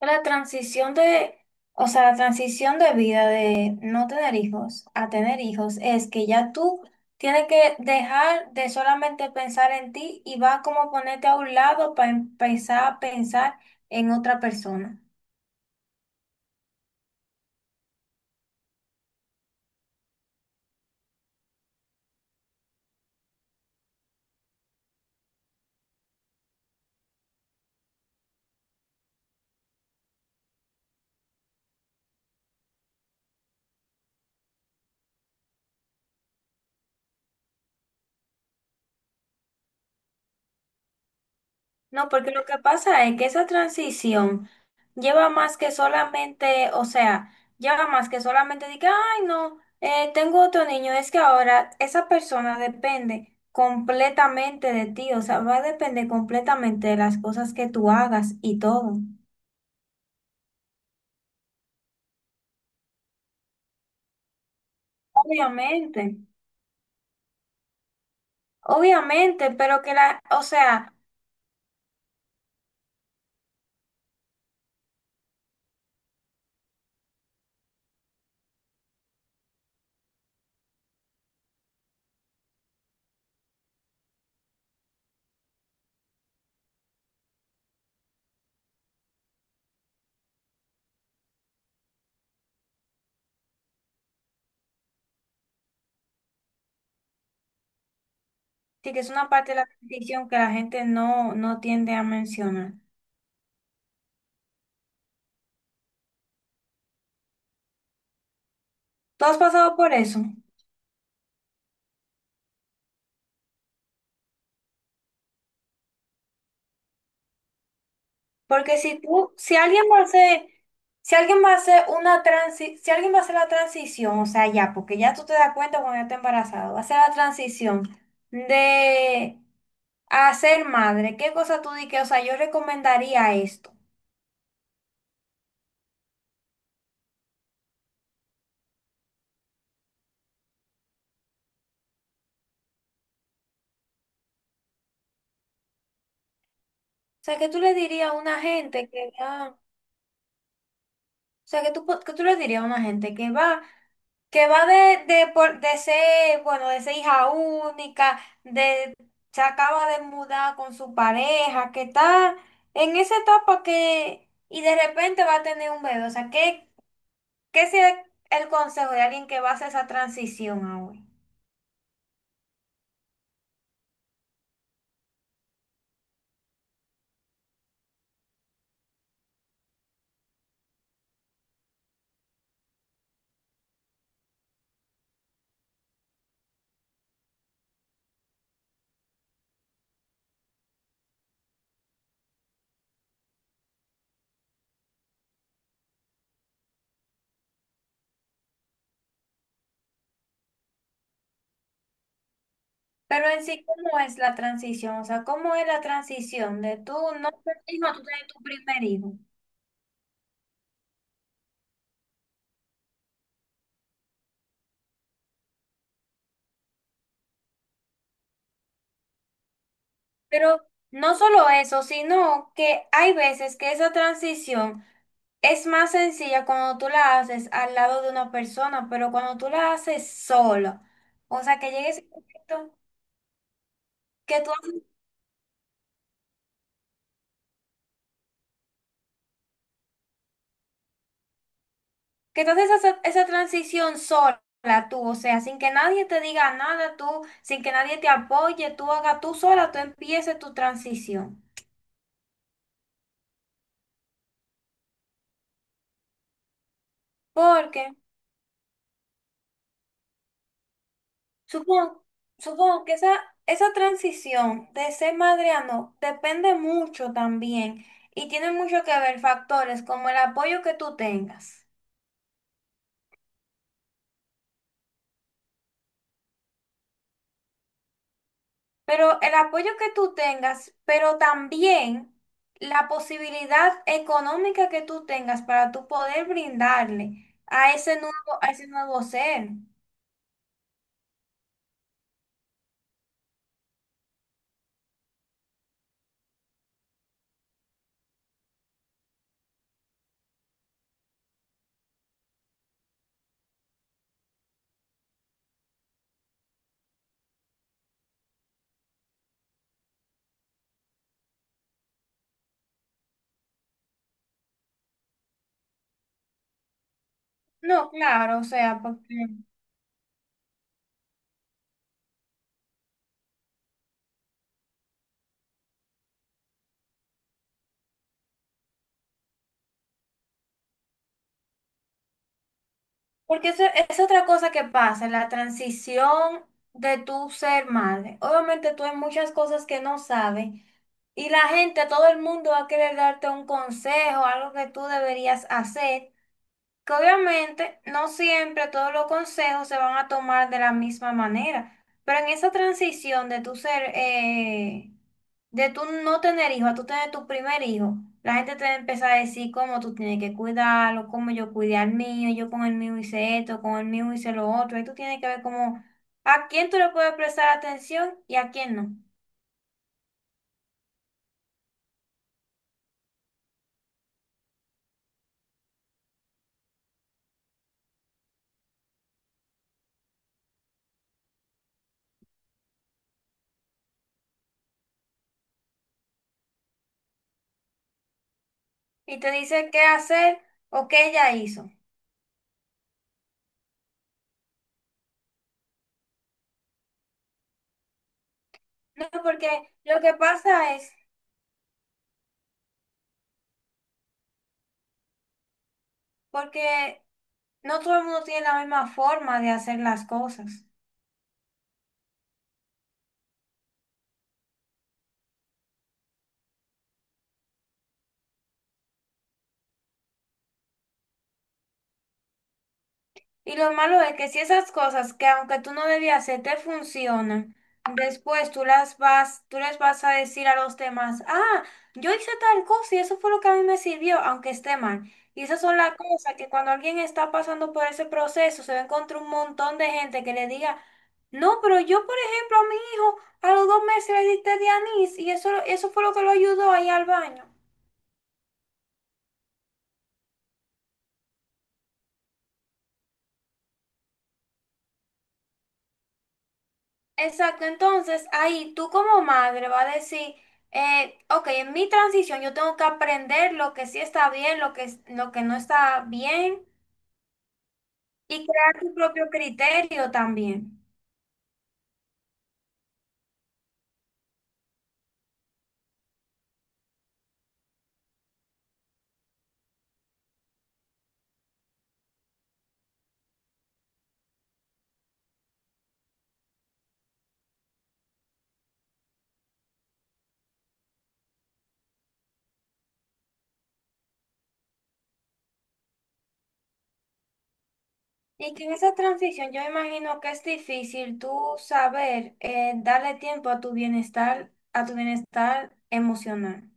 La transición de, o sea, la transición de vida de no tener hijos a tener hijos es que ya tú tienes que dejar de solamente pensar en ti y va como ponerte a un lado para empezar a pensar en otra persona. No, porque lo que pasa es que esa transición lleva más que solamente, o sea, lleva más que solamente de ay, no, tengo otro niño, es que ahora esa persona depende completamente de ti, o sea, va a depender completamente de las cosas que tú hagas y todo. Obviamente, obviamente, pero que la, o sea, sí que es una parte de la transición que la gente no tiende a mencionar. ¿Tú has pasado por eso? Porque si tú, si alguien va a hacer, si alguien va a hacer una transi, si alguien va a hacer la transición, o sea, ya, porque ya tú te das cuenta cuando ya está embarazado, va a hacer la transición de a ser madre, ¿qué cosa tú dices? O sea, yo recomendaría esto. O sea, que tú le dirías a una gente que, ah, o sea, que tú, po- que tú le dirías a una gente que va de ser, bueno, de ser hija única, de, se acaba de mudar con su pareja, que está en esa etapa que, y de repente va a tener un bebé. O sea, ¿qué, qué sería el consejo de alguien que va a hacer esa transición ahora? Pero en sí, ¿cómo es la transición? O sea, ¿cómo es la transición de tú no ser hijo a tú tener tu primer hijo? Pero no solo eso, sino que hay veces que esa transición es más sencilla cuando tú la haces al lado de una persona, pero cuando tú la haces sola, o sea, que llegue ese momento que tú, que tú haces esa, esa transición sola, tú, o sea, sin que nadie te diga nada, tú, sin que nadie te apoye, tú hagas tú sola, tú empieces tu transición. Porque supongo, supongo que esa transición de ser madre a no depende mucho también y tiene mucho que ver factores como el apoyo que tú tengas. Pero el apoyo que tú tengas, pero también la posibilidad económica que tú tengas para tú poder brindarle a ese nuevo ser. No, claro, o sea, porque porque eso es otra cosa que pasa, la transición de tu ser madre. Obviamente tú hay muchas cosas que no sabes y la gente, todo el mundo va a querer darte un consejo, algo que tú deberías hacer, que obviamente no siempre todos los consejos se van a tomar de la misma manera, pero en esa transición de tu ser, de tú no tener hijo a tú tener tu primer hijo, la gente te va a empezar a decir cómo tú tienes que cuidarlo, cómo yo cuidé al mío, yo con el mío hice esto, con el mío hice lo otro, y tú tienes que ver cómo a quién tú le puedes prestar atención y a quién no. Y te dice qué hacer o qué ella hizo. No, porque lo que pasa es porque no todo el mundo tiene la misma forma de hacer las cosas. Y lo malo es que si esas cosas que aunque tú no debías hacer te funcionan, después tú las vas, tú les vas a decir a los demás, ah, yo hice tal cosa y eso fue lo que a mí me sirvió, aunque esté mal. Y esas son las cosas que cuando alguien está pasando por ese proceso, se va a encontrar un montón de gente que le diga, no, pero yo, por ejemplo, a mi hijo a los 2 meses le diste de anís y eso fue lo que lo ayudó a ir al baño. Exacto, entonces ahí tú como madre vas a decir, ok, en mi transición yo tengo que aprender lo que sí está bien, lo que, es- lo que no está bien y crear tu propio criterio también. Y que en esa transición yo imagino que es difícil tú saber darle tiempo a tu bienestar emocional.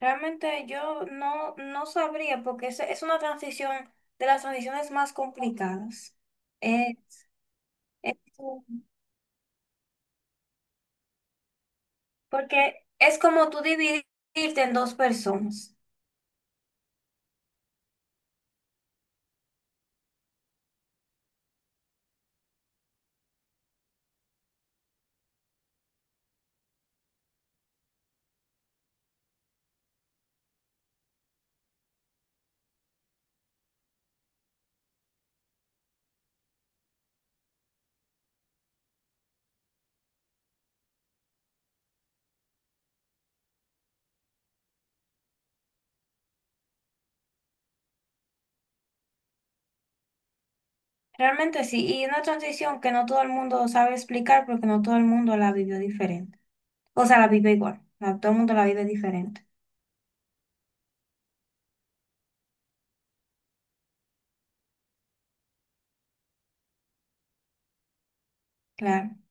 Realmente yo no sabría porque es una transición de las transiciones más complicadas. Eh, es porque es como tú dividirte en dos personas. Realmente sí, y una transición que no todo el mundo sabe explicar porque no todo el mundo la vivió diferente. O sea, la vive igual, no, todo el mundo la vive diferente, claro.